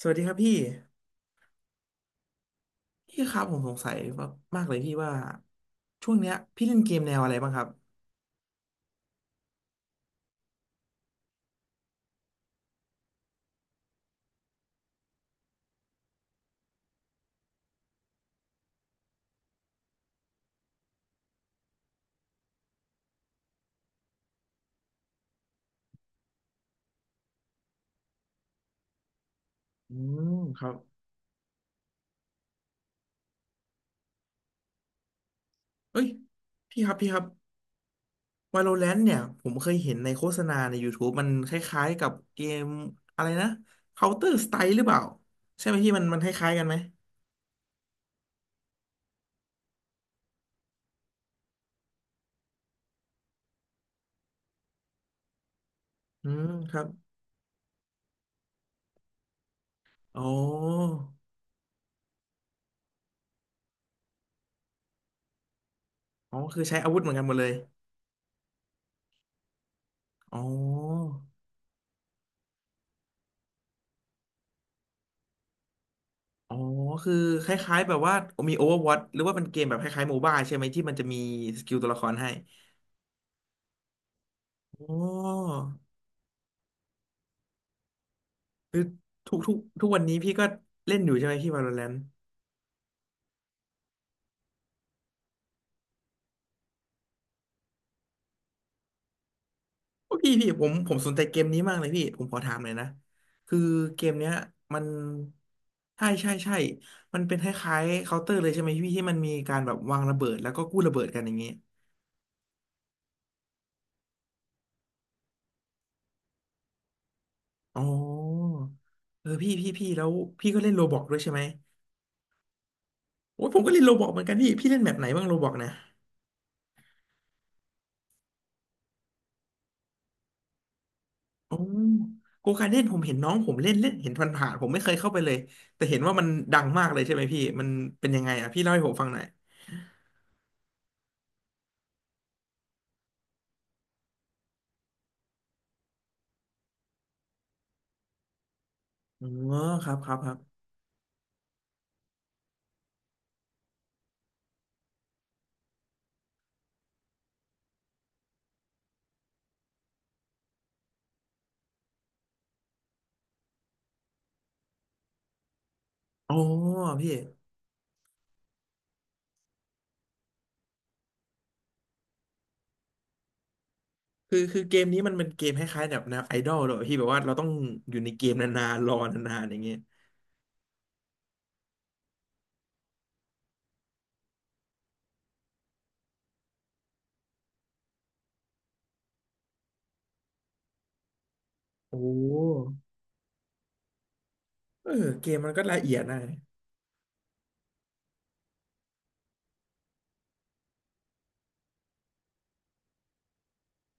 สวัสดีครับพี่พี่ครับผมสงสัยมากๆเลยพี่ว่าช่วงเนี้ยพี่เล่นเกมแนวอะไรบ้างครับอืมครับเอ้ยพี่ครับพี่ครับ Valorant เนี่ยผมเคยเห็นในโฆษณาใน YouTube มันคล้ายๆกับเกมอะไรนะ Counter Strike หรือเปล่าใช่ไหมพี่มันคล้ายๆกันไหมอืมครับอ๋ออ๋อคือใช้อาวุธเหมือนกันหมดเลยอ๋ออ๋อคือคล้ายๆแบบว่ามี Overwatch หรือว่าเป็นเกมแบบคล้ายๆโมบ b a ใช่ไหมที่มันจะมีสกิลตัวละครให้ อ๋อคือทุกวันนี้พี่ก็เล่นอยู่ใช่ไหมพี่ Valorant โอ้พี่พี่ผมสนใจเกมนี้มากเลยพี่ผมขอถามหยนะคือเกมเนี้ยมันใช่มันเป็นคล้ายๆเคาน์เตอร์เลยใช่ไหมพี่ที่มันมีการแบบวางระเบิดแล้วก็กู้ระเบิดกันอย่างเงี้ยอ๋อเออพี่พี่พี่แล้วพี่ก็เล่นโรบอกด้วยใช่ไหมโอ้ยผมก็เล่นโรบอกเหมือนกันพี่พี่เล่นแบบไหนบ้างโรบอกนะ โอ้โกการเล่นผมเห็นน้องผมเล่นเล่นเห็นผ่านๆผมไม่เคยเข้าไปเลยแต่เห็นว่ามันดังมากเลยใช่ไหมพี่มันเป็นยังไงอ่ะพี่เล่าให้ผมฟังหน่อยอ๋อครับครับครับอ๋อพี่คือเกมนี้มันเป็นเกมคล้ายๆแบบแนวไอดอลเลยหรอพี่แบบว่าเราต้องอยู่ในเกมนานๆรอนานๆอย่างเงี้ยโอ้เออเกมมันก็ละเอียดนะ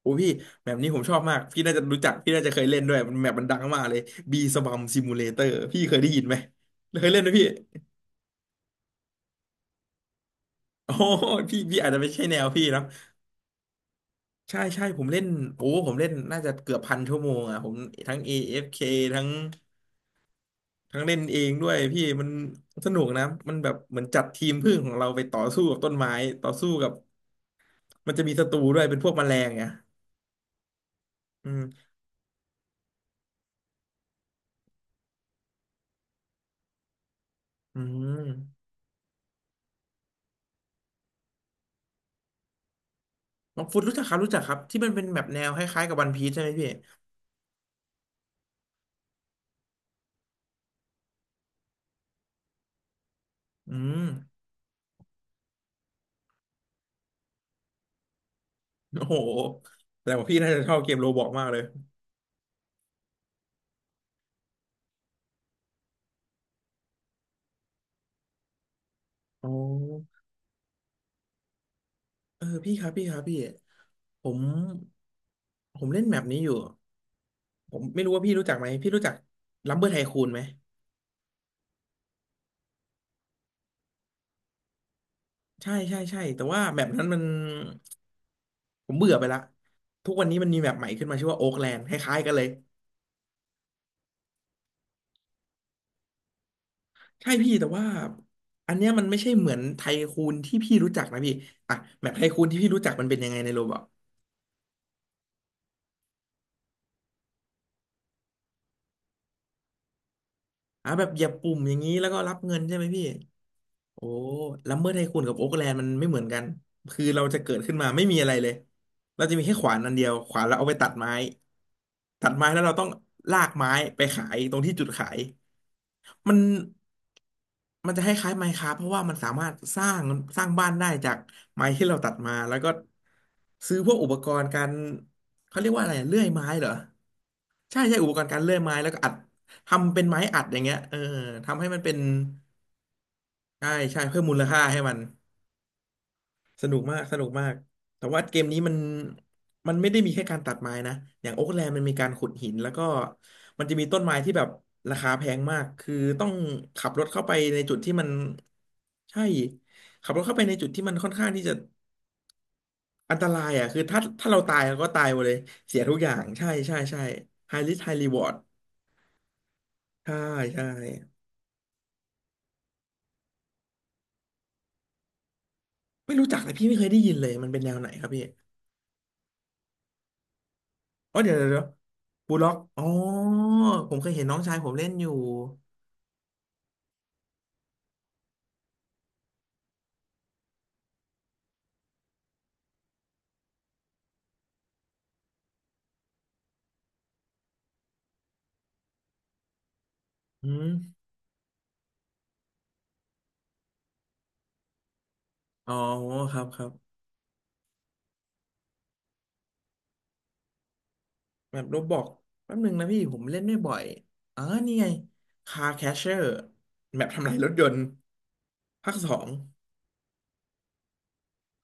โอ้พี่แบบนี้ผมชอบมากพี่น่าจะรู้จักพี่น่าจะเคยเล่นด้วยมันแบบมันดังมากเลยบีสบัมซิมูเลเตอร์พี่เคยได้ยินไหมเคยเล่นไหมพี่โอ้พี่พี่อาจจะไม่ใช่แนวพี่เนอะ ใช่ใช่ผมเล่นโอ้ผมเล่นน่าจะเกือบพันชั่วโมงอ่ะผมทั้ง AFK ทั้งทั้งเล่นเองด้วยพี่มันสนุกนะมันแบบเหมือนจัดทีมพึ่งของเราไปต่อสู้กับต้นไม้ต่อสู้กับมันจะมีศัตรูด้วยเป็นพวกแมลงไงอืมอืมมังคุดรู้จักครับรู้จักครับที่มันเป็นแบบแนวคล้ายๆกับวันพีชใช่ไหมพี่อืมโอ้โหแต่ว่าพี่น่าจะชอบเกมโรบล็อกมากเลยอ๋อเออพี่ครับพี่ครับพี่ผมผมเล่นแมปนี้อยู่ ผมไม่รู้ว่าพี่รู้จักไหมพี่รู้จักลัมเบอร์ไทคูนไหมใช่ใช่ใช่แต่ว่าแมปนั้นมันผมเบื่อไปละทุกวันนี้มันมีแมปใหม่ขึ้นมาชื่อว่าโอ๊กแลนด์คล้ายๆกันเลยใช่พี่แต่ว่าอันเนี้ยมันไม่ใช่เหมือนไทคูนที่พี่รู้จักนะพี่อ่ะแมปไทคูนที่พี่รู้จักมันเป็นยังไงในโรบอทอ่ะแบบเหยียบปุ่มอย่างนี้แล้วก็รับเงินใช่ไหมพี่ โอ้ลัมเบอร์ไทคูนกับโอ๊กแลนด์มันไม่เหมือนกันคือเราจะเกิดขึ้นมาไม่มีอะไรเลยเราจะมีแค่ขวานอันเดียวขวานเราเอาไปตัดไม้ตัดไม้แล้วเราต้องลากไม้ไปขายตรงที่จุดขายมันมันจะคล้ายๆไม้คราฟเพราะว่ามันสามารถสร้างบ้านได้จากไม้ที่เราตัดมาแล้วก็ซื้อพวกอุปกรณ์การเขาเรียกว่าอะไรเลื่อยไม้เหรอใช่ใช่อุปกรณ์การเลื่อยไม้แล้วก็อัดทำเป็นไม้อัดอย่างเงี้ยเออทำให้มันเป็นใช่ใช่เพิ่มมูลค่าให้มัน สนุกมากสนุกมากแต่ว่าเกมนี้มันไม่ได้มีแค่การตัดไม้นะอย่างโอ๊กแลนด์มันมีการขุดหินแล้วก็มันจะมีต้นไม้ที่แบบราคาแพงมากคือต้องขับรถเข้าไปในจุดที่มันใช่ขับรถเข้าไปในจุดที่มันค่อนข้างที่จะอันตรายอ่ะคือถ้าเราตายเราก็ตายหมดเลยเสียทุกอย่างใช่ใช่ใช่ high risk high reward ใช่ใช่ไม่รู้จักเลยพี่ไม่เคยได้ยินเลยมันเป็นแนวไหนครับพี่อ๋อเดี๋ยวเดี๋ยวบูล็อกอ๋อผมเคยเห็นน้องชายผมเล่นอยู่ อืมอ๋อครับครับ แบบโรบอกแป๊บหนึงนะพี่ผมเล่นไม่บ่อยอ๋อนี่ไง Car Catcher แบบทำลายรถยนต์ภาคสอง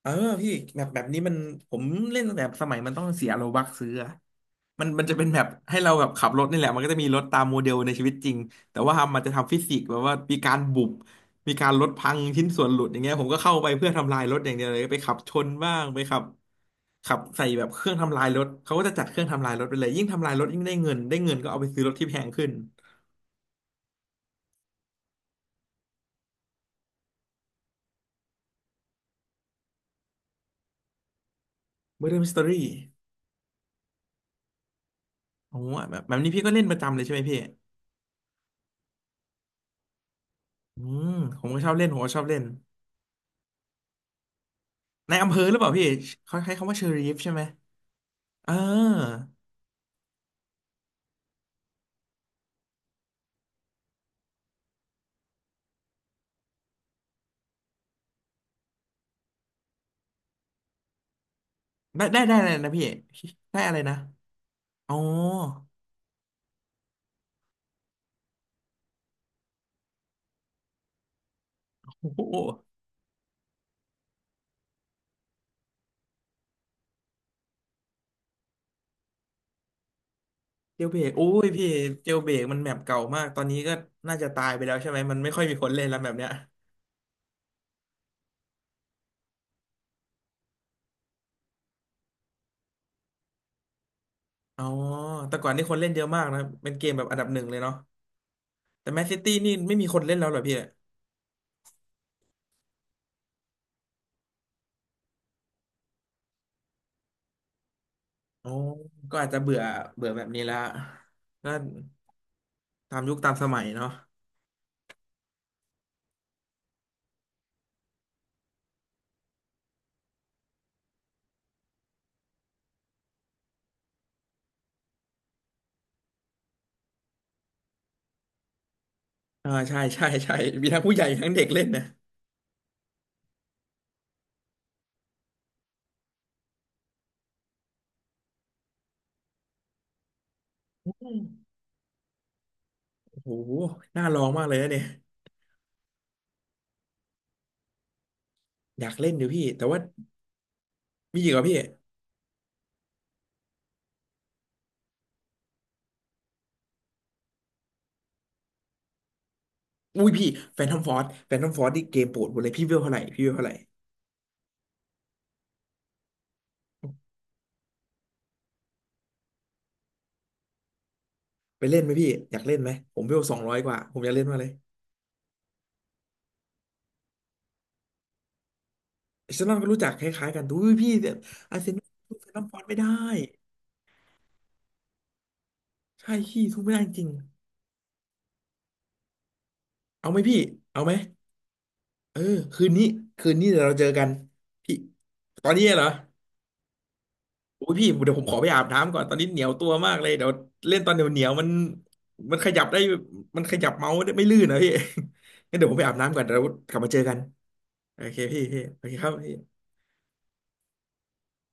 เออพี่แบบแบบนี้มันผมเล่นตั้งแต่สมัยมันต้องเสียโลบักซื้ออะมันจะเป็นแบบให้เราแบบขับรถนี่แหละมันก็จะมีรถตามโมเดลในชีวิตจริง แต่ว่ามันจะทำฟิสิกส์แบบว่ามีการบุบมีการรถพังชิ้นส่วนหลุดอย่างเงี้ยผมก็เข้าไปเพื่อทำลายรถอย่างเดียวเลยไปขับชนบ้างไปขับ ขับใส่แบบเครื่องทำลายรถเขาก็จะจัดเครื่องทำลายรถไปเลยยิ่งทำลายรถยิ่งได้เงินได้เงินก็เอาไปซื้อรถที่แพงขึ้น Murder Mystery โอ้โหแบบนี้พี่ก็เล่นประจำเลยใช่ไหมพี่อืมผมก็ชอบเล่นผมก็ชอบเล่นในอำเภอหรือเปล่าพี่เขาใช้คำว่าเชอรีฟใช่ไหมเออได้อะไรนะพี่ได้อะไรนะอ๋อโอ้โหเจลเบรกโอ้ยพี่เจลเบรกมันแมปเก่ามากตอนนี้ก็น่าจะตายไปแล้วใช่ไหมมันไม่ค่อยมีคนเล่นแล้วแบบเนี้ยอ๋อแต่ก่อนนี่คนเล่นเยอะมากนะเป็นเกมแบบอันดับหนึ่งเลยเนาะ แต่แมนซิตี้นี่ไม่มีคนเล่นแล้วเหรอพี่อ๋อก็อาจจะเบื่อเบื่อแบบนี้ละก็ตามยุคตามสมัยเนาะอ่าใช่มีทั้งผู้ใหญ่ทั้งเด็กเล่นนะอืมโอ้โห น่าลองมากเลยนะเนี่ยอยากเล่นเดี๋ยวพี่แต่ว่ามีอีกเหรอพี่ อุ้ยพี่แฟนทอมฟอร์ดแฟนทอมฟอร์ดนี่เกมโปรดผมเลยพี่เวลเท่าไหร่พี่เวลเท่าไหร่ ไปเล่นไหมพี่ อยากเล่นไหม ผมเวล200กว่า ผมอยากเล่นมากเลยอาร์เซนอลก็รู้จักคล้ายๆกันดูพี่เนี่ยอาร์เซนอลสู้แฟนทอมฟอร์ดไม่ได้ใช่พี่สู้ไม่ได้จริงเอาไหมพี่เอาไหม เออคืนนี้คืนนี้เดี๋ยวเราเจอกันพี่ตอนนี้เหรอโอ้ยพี่เดี๋ยวผมขอไปอาบน้ำก่อนตอนนี้เหนียวตัวมากเลยเดี๋ยวเล่นตอนเหนียวมันมันขยับได้มันขยับเมาส์ได้ไม่ลื่นนะพี่ งั้นเดี๋ยวผมไปอาบน้ำก่อนเดี๋ยวกลับมาเจอกันโอเคพี่โอเคครับพี่